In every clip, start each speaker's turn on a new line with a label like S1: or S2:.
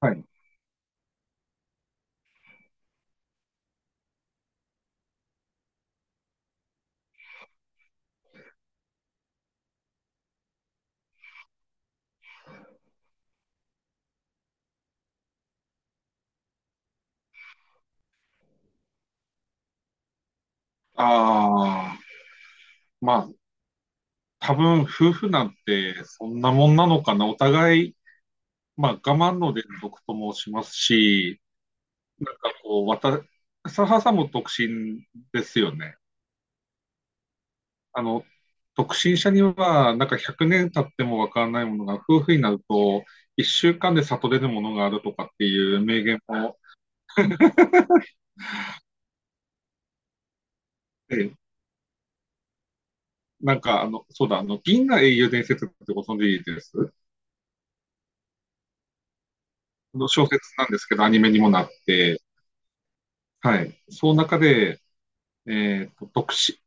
S1: はい。ああ、まあ、多分夫婦なんてそんなもんなのかな。お互い、まあ、我慢の連続と申しますし、なんかこう、サハさんも独身ですよね。あの、独身者には、なんか100年経ってもわからないものが、夫婦になると、1週間で悟れるものがあるとかっていう名言も。ええ。なんか、そうだ、銀河英雄伝説ってご存知です？あの小説なんですけど、アニメにもなって。はい。その中で、特殊。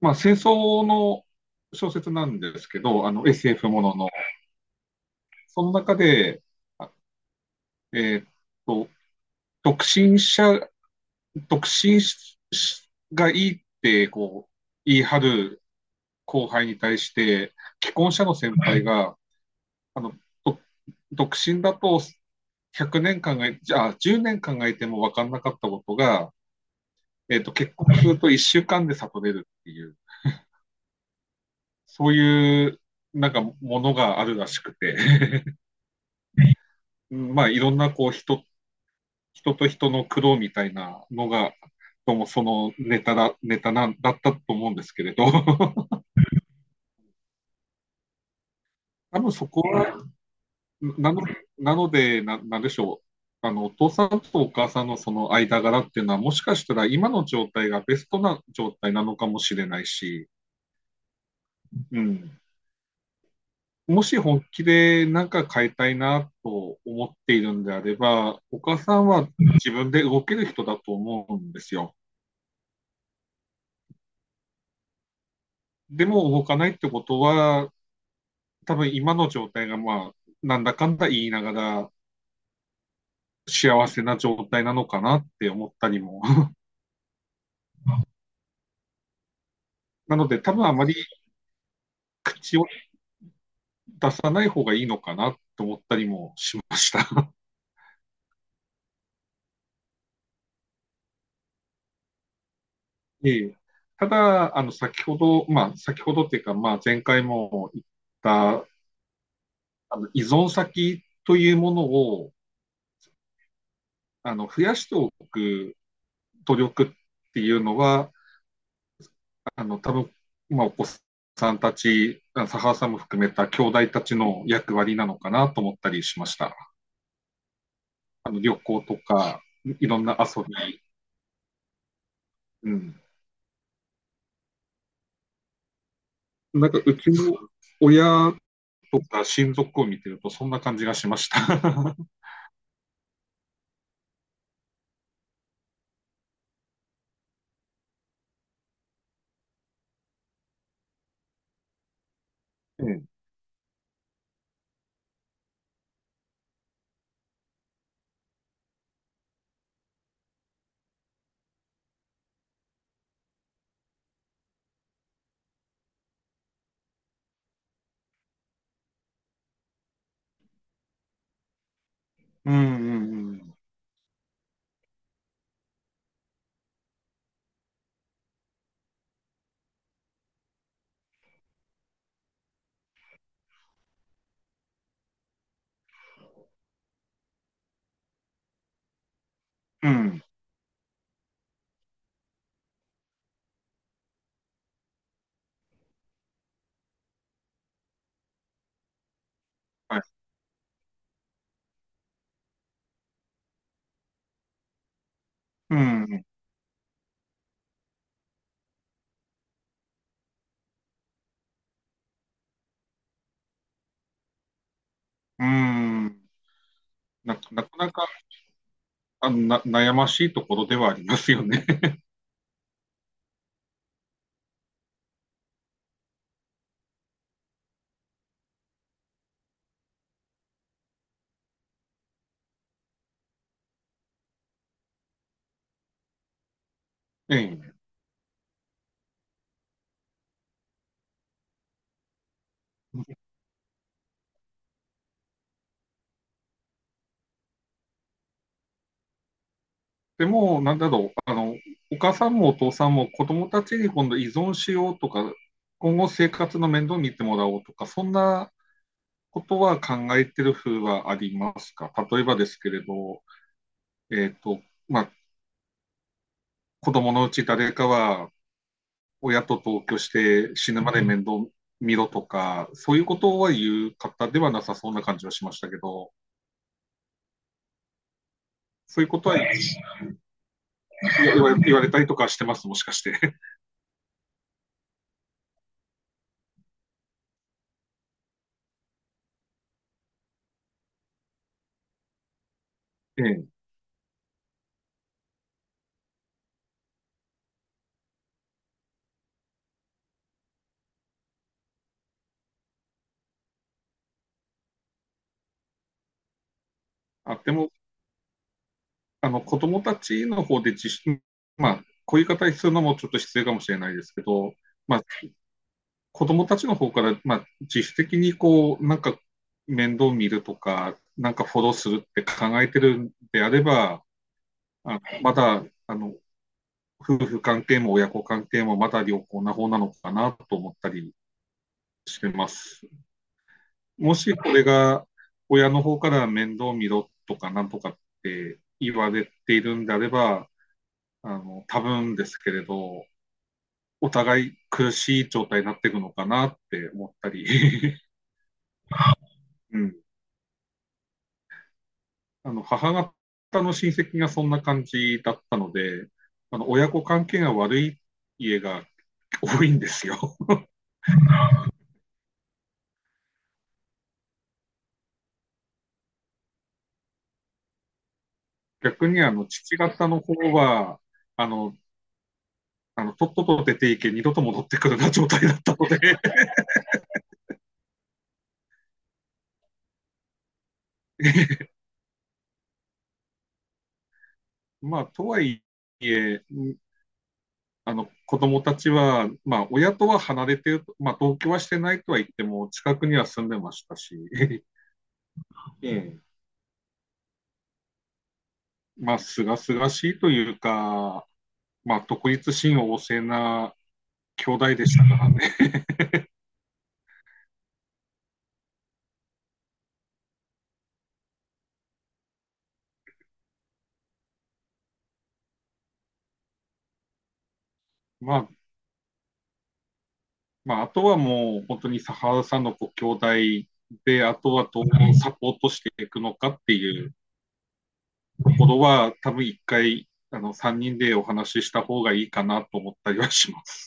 S1: まあ、戦争の小説なんですけど、SF ものの。その中で、あえっと、独身者、独身がいいって、こう、言い張る後輩に対して、既婚者の先輩が、あの、と独身だと1 0年考え、じゃあ、10年考えても分かんなかったことが、結婚すると1週間で悟れるっていう。そういうなんかものがあるらしくて、 まあいろんなこう人と人の苦労みたいなのが、どうもそのネタなんだったと思うんですけれど、 多分そこは、なのなんでしょう。お父さんとお母さんのその間柄っていうのは、もしかしたら今の状態がベストな状態なのかもしれないし。うん。もし本気で何か変えたいなと思っているんであれば、お母さんは自分で動ける人だと思うんですよ。でも動かないってことは、多分今の状態がまあ、なんだかんだ言いながら幸せな状態なのかなって思ったりも。 なので多分あまり口を出さない方がいいのかなと思ったりもしました。ええ。ただ、先ほど、まあ、先ほどっていうか、まあ、前回も言った依存先というものを増やしておく努力っていうのは、多分今お子さんたち、佐原さんも含めた兄弟たちの役割なのかなと思ったりしました。旅行とか、いろんな遊び。うん。なんかうちの親とか親族を見てると、そんな感じがしました。うん、うん、うん、うん。うん、はい。うん、うん。なかなかあのな悩ましいところではありますよね。ええ。でも、なんだろう、お母さんもお父さんも子供たちに今度依存しようとか、今後生活の面倒を見てもらおうとか、そんなことは考えてる風はありますか？例えばですけれど、えっと、まあ、子供のうち誰かは親と同居して死ぬまで面倒見ろとか、そういうことは言う方ではなさそうな感じはしましたけど、そういうことは言われたりとかしてます、もしかして？ええ。でも、子供たちの方でまあ、こういう言い方するのもちょっと失礼かもしれないですけど、まあ、子供たちの方から、まあ、自主的にこう、なんか面倒見るとか、なんかフォローするって考えてるんであれば、まだ、夫婦関係も親子関係もまだ良好な方なのかなと思ったりしてます。もしこれが親の方から面倒見ろとかなんとかって言われているんであれば、多分ですけれど、お互い苦しい状態になっていくのかなって思ったり。うん。母方の親戚がそんな感じだったので、親子関係が悪い家が多いんですよ。逆に父方の方は、あの、とっとと出ていけ、二度と戻ってくるな状態だったので、まあ、とはいえ、子供たちは、まあ、親とは離れてる、まあ、同居はしてないとは言っても、近くには住んでましたし、ええ。まあ、すがすがしいというか、まあ、独立心旺盛な兄弟でしたからね。まあ、まあ、あとはもう、本当に佐原さんのご兄弟で、あとはどうサポートしていくのかっていうところは、多分一回、3人でお話しした方がいいかなと思ったりはします。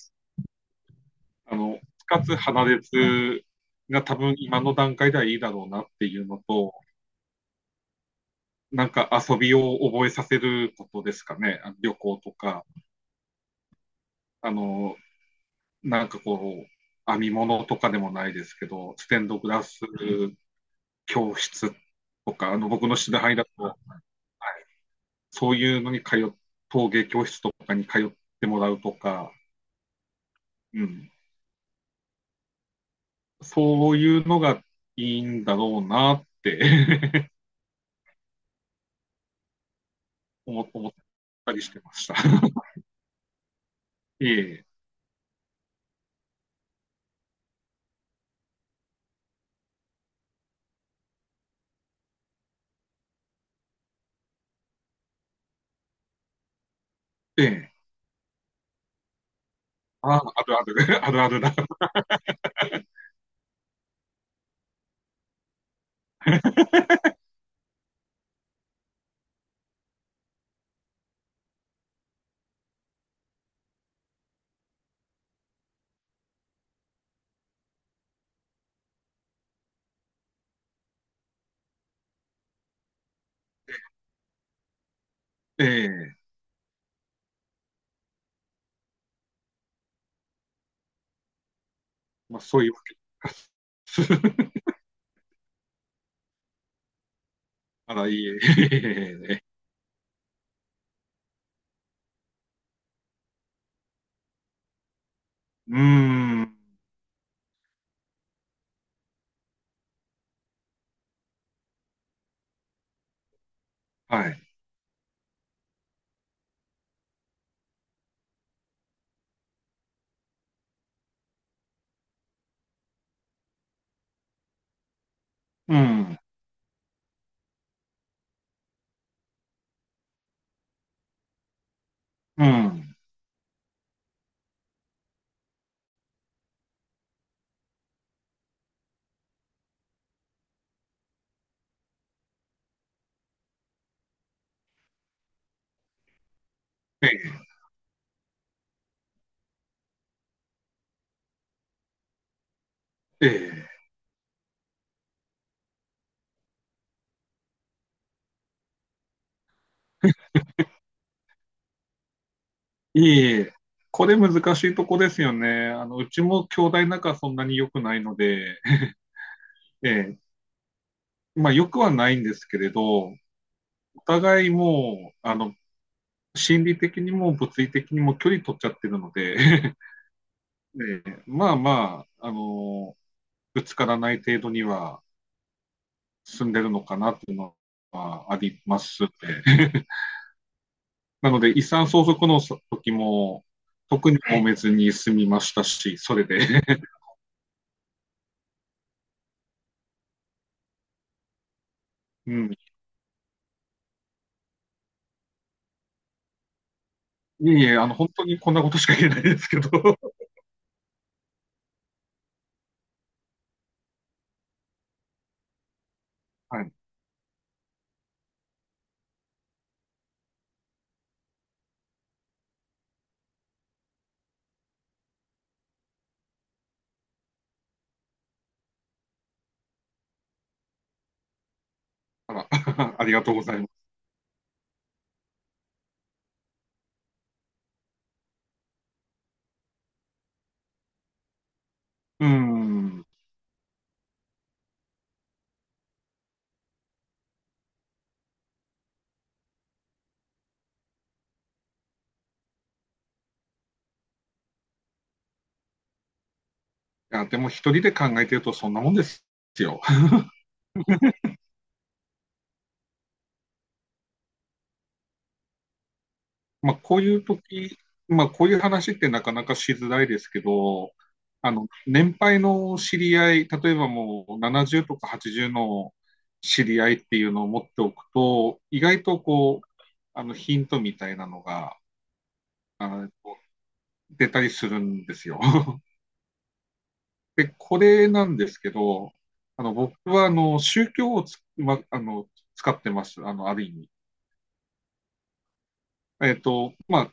S1: あの、かつ鼻熱が多分今の段階ではいいだろうなっていうのと、なんか遊びを覚えさせることですかね。旅行とか、あの、なんかこう、編み物とかでもないですけど、ステンドグラス教室とか、僕の知り合いだと、そういうのに陶芸教室とかに通ってもらうとか、うん、そういうのがいいんだろうなって 思ったりしてました。いえいえ。ええ。ああ、あるある、あるあるだ。ええ。まあ、そういうわけです。あら、いいえ。ええ。うーん。はい。うん。うん。ええ。ええ。いえいえ。これ難しいとこですよね。うちも兄弟仲そんなに良くないので、ええ。まあ、良くはないんですけれど、お互いもう、心理的にも物理的にも距離取っちゃってるので、ええ。まあまあ、ぶつからない程度には進んでるのかなっていうのはありますね。なので、遺産相続の時も、特に揉めずに済みましたし、それで、うん。いえいえ、本当にこんなことしか言えないですけど、はい。あら ありがとうございます。うん。いや、でも一人で考えてるとそんなもんですよ。まあ、こういう時、まあ、こういう話ってなかなかしづらいですけど、年配の知り合い、例えばもう70とか80の知り合いっていうのを持っておくと、意外とこう、ヒントみたいなのが、あの、出たりするんですよ。で、これなんですけど、僕は、宗教をつ、ま、あの、使ってます。ある意味。まあ、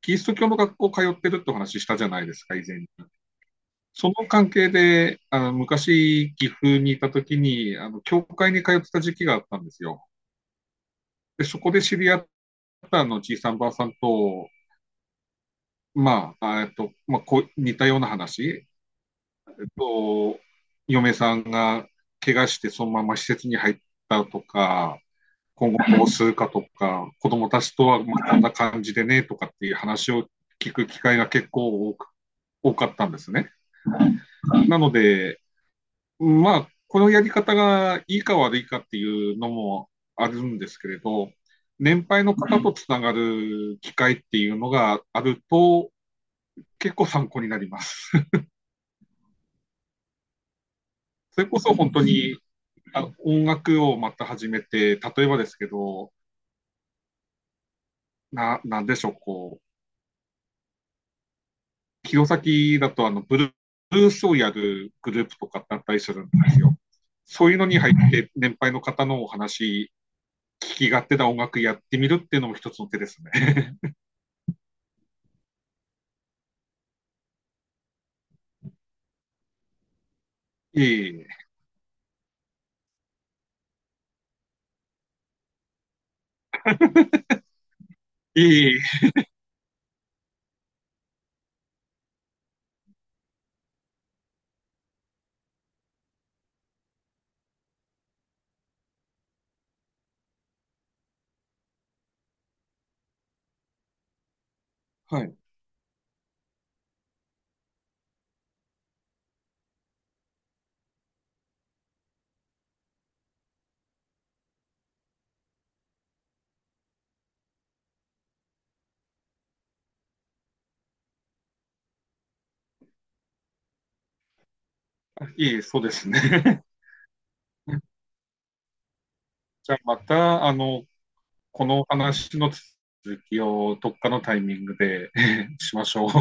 S1: キリスト教の学校通ってるってお話したじゃないですか、以前に。その関係で、昔、岐阜にいた時に、教会に通ってた時期があったんですよ。で、そこで知り合ったじいさんばあさんと、まあ、まあ、こう、似たような話、えっと、嫁さんが怪我してそのまま施設に入ったとか、今後どうするかとか、子供たちとはまあこんな感じでね、とかっていう話を聞く機会が結構多かったんですね。なので、まあ、このやり方がいいか悪いかっていうのもあるんですけれど、年配の方とつながる機会っていうのがあると、結構参考になります。それこそ本当に音楽をまた始めて、例えばですけど、なんでしょう、こう、弘前だとあのブルースをやるグループとかだったりするんですよ。そういうのに入って、年配の方のお話、聞き勝手な音楽やってみるっていうのも一つの手ですね。いえいえ、いえいはい。いい、そうですね。じゃあまた、この話の続きをどっかのタイミングで しましょう。